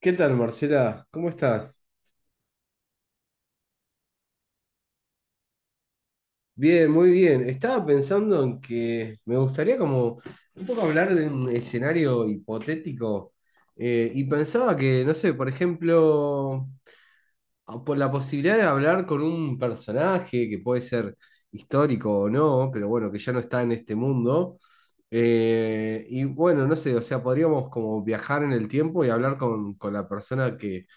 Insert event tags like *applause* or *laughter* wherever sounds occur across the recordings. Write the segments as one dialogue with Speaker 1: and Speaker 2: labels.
Speaker 1: ¿Qué tal, Marcela? ¿Cómo estás? Bien, muy bien. Estaba pensando en que me gustaría como un poco hablar de un escenario hipotético y pensaba que, no sé, por ejemplo, por la posibilidad de hablar con un personaje que puede ser histórico o no, pero bueno, que ya no está en este mundo. Y bueno, no sé, o sea, podríamos como viajar en el tiempo y hablar con la persona que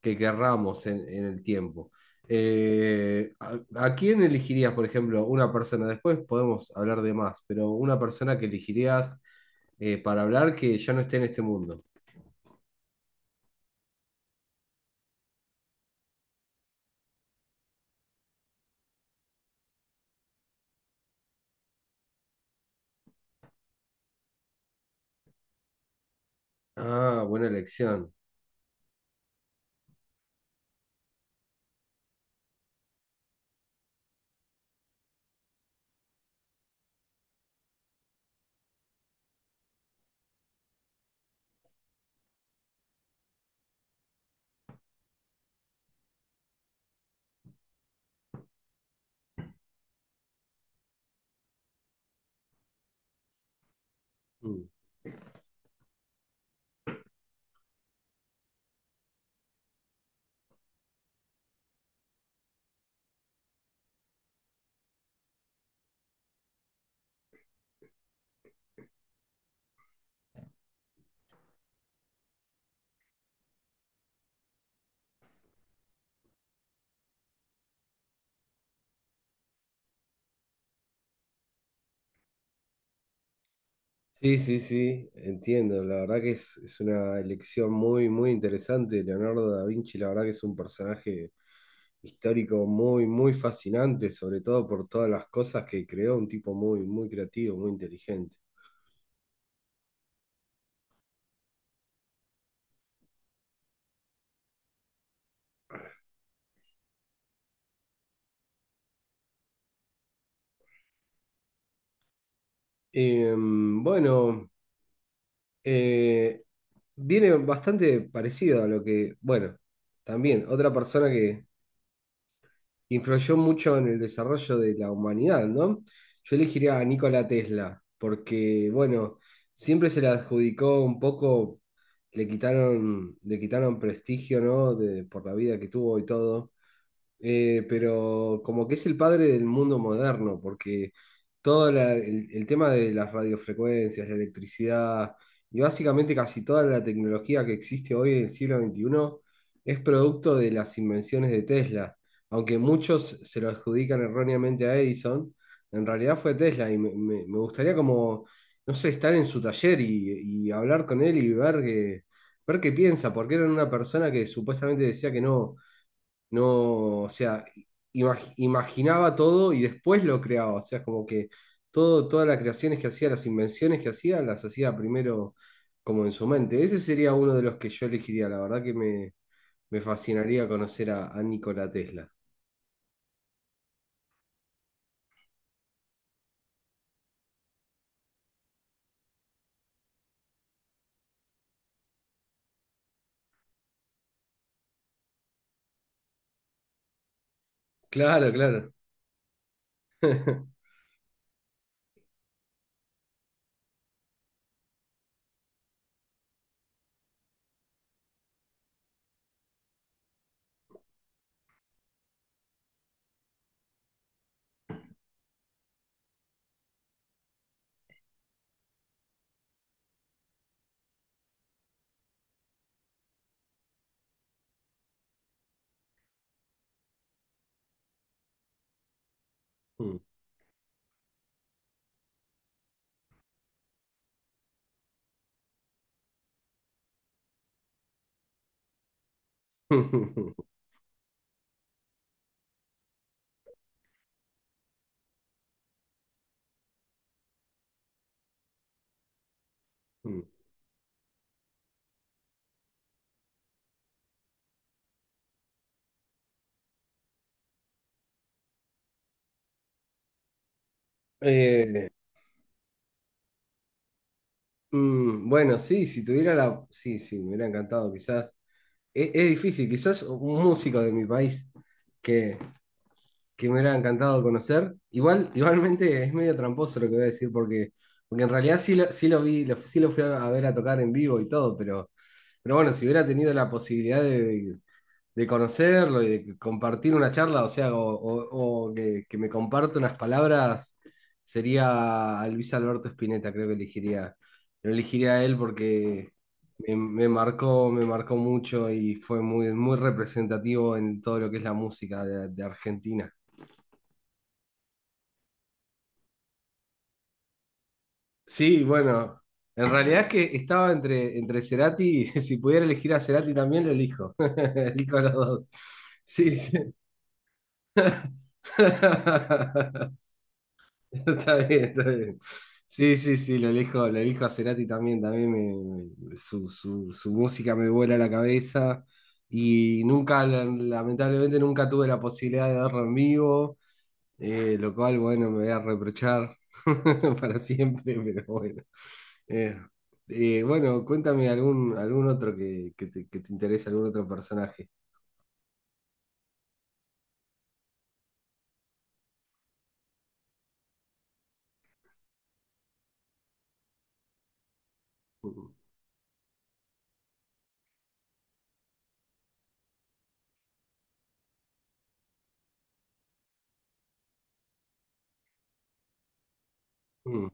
Speaker 1: que querramos en el tiempo. ¿A quién elegirías, por ejemplo, una persona? Después podemos hablar de más, pero una persona que elegirías para hablar que ya no esté en este mundo. Ah, buena elección. Mm. Sí, sí, sí, entiendo. La verdad que es una elección muy, muy interesante. Leonardo da Vinci, la verdad que es un personaje histórico muy, muy fascinante, sobre todo por todas las cosas que creó, un tipo muy, muy creativo, muy inteligente. Bueno, eh, viene bastante parecido a lo que, bueno, también otra persona que influyó mucho en el desarrollo de la humanidad, ¿no? Yo elegiría a Nikola Tesla, porque, bueno, siempre se le adjudicó un poco, le quitaron prestigio, ¿no? De, por la vida que tuvo y todo. Pero como que es el padre del mundo moderno, porque el tema de las radiofrecuencias, la electricidad y básicamente casi toda la tecnología que existe hoy en el siglo XXI es producto de las invenciones de Tesla. Aunque muchos se lo adjudican erróneamente a Edison, en realidad fue Tesla y me gustaría como, no sé, estar en su taller y hablar con él y ver ver qué piensa, porque era una persona que supuestamente decía que no. No, o sea, imaginaba todo y después lo creaba. O sea, como que todas las creaciones que hacía, las invenciones que hacía, las hacía primero como en su mente. Ese sería uno de los que yo elegiría. La verdad que me fascinaría conocer a Nikola Tesla. Claro, claro. *laughs* Eh, bueno, sí, si tuviera la... Sí, sí, me hubiera encantado, quizás. Es difícil, quizás un músico de mi país que, que me hubiera encantado conocer. Igual, *laughs* igualmente es medio tramposo lo que voy a decir, porque, porque en realidad sí lo vi, sí lo fui a ver a tocar en vivo y todo, pero bueno, si hubiera tenido la posibilidad de conocerlo y de compartir una charla, o sea, o que me comparte unas palabras, sería a Luis Alberto Spinetta, creo que elegiría, lo elegiría a él porque... me marcó mucho y fue muy, muy representativo en todo lo que es la música de Argentina. Sí, bueno, en realidad es que estaba entre Cerati, y *laughs* si pudiera elegir a Cerati también lo elijo. *laughs* Elijo a los dos. Sí, sí. *laughs* Está bien, está bien. Sí, sí, sí, lo elijo a Cerati también, también su, su música me vuela la cabeza y nunca, lamentablemente nunca tuve la posibilidad de verlo en vivo, lo cual, bueno, me voy a reprochar *laughs* para siempre, pero bueno. Eh, bueno, cuéntame algún, algún otro que te interese, algún otro personaje. Mm, mm,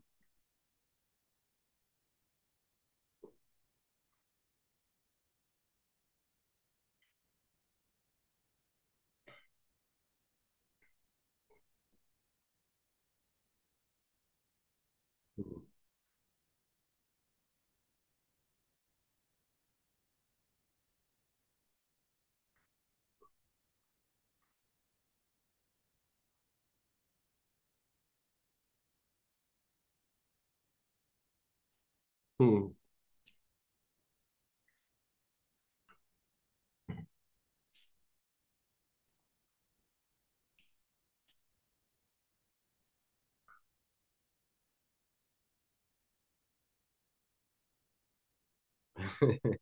Speaker 1: mm. *laughs*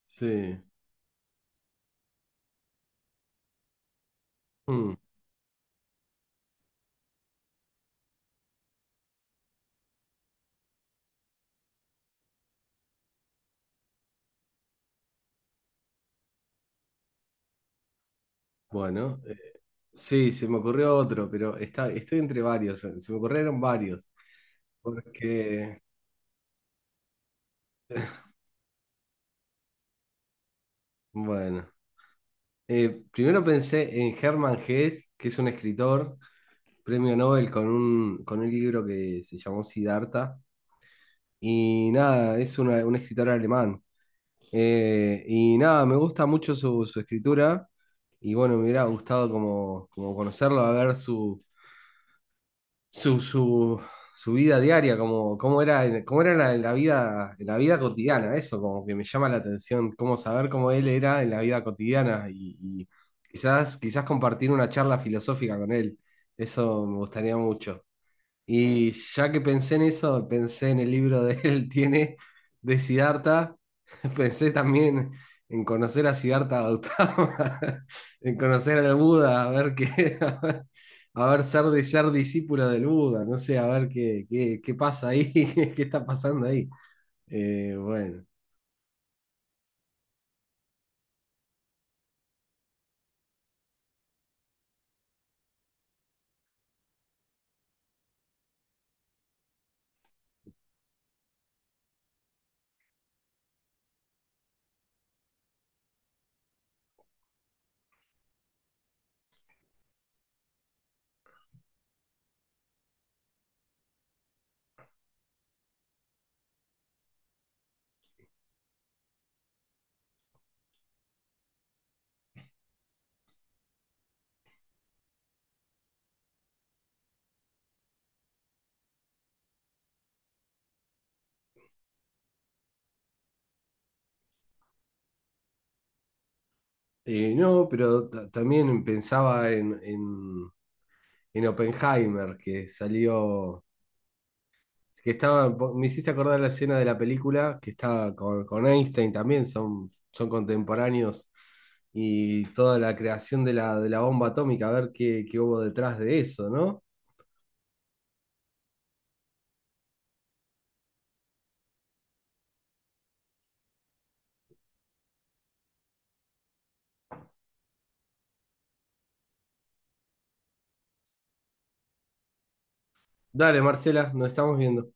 Speaker 1: Sí. Mm. Bueno, sí, se me ocurrió otro, pero está, estoy entre varios. Se me ocurrieron varios. Porque, bueno, primero pensé en Hermann Hesse, que es un escritor, premio Nobel con un libro que se llamó Siddhartha. Y nada, un escritor alemán. Y nada, me gusta mucho su escritura y bueno, me hubiera gustado como, como conocerlo, a ver su, su, su vida diaria, cómo era, cómo era la vida, en la vida cotidiana, eso como que me llama la atención, cómo saber cómo él era en la vida cotidiana y quizás, quizás compartir una charla filosófica con él, eso me gustaría mucho. Y ya que pensé en eso, pensé en el libro de él, *laughs* tiene de Siddhartha, *laughs* pensé también en conocer a Siddhartha Gautama, *laughs* en conocer al Buda, a ver qué, *laughs* a ver, ser discípulo del Buda, no sé, a ver qué, qué pasa ahí, *laughs* qué está pasando ahí. Eh, bueno, no, pero también pensaba en Oppenheimer, que salió. Es que estaba, me hiciste acordar la escena de la película que estaba con Einstein también, son, son contemporáneos y toda la creación de la bomba atómica, a ver qué, qué hubo detrás de eso, ¿no? Dale, Marcela, nos estamos viendo.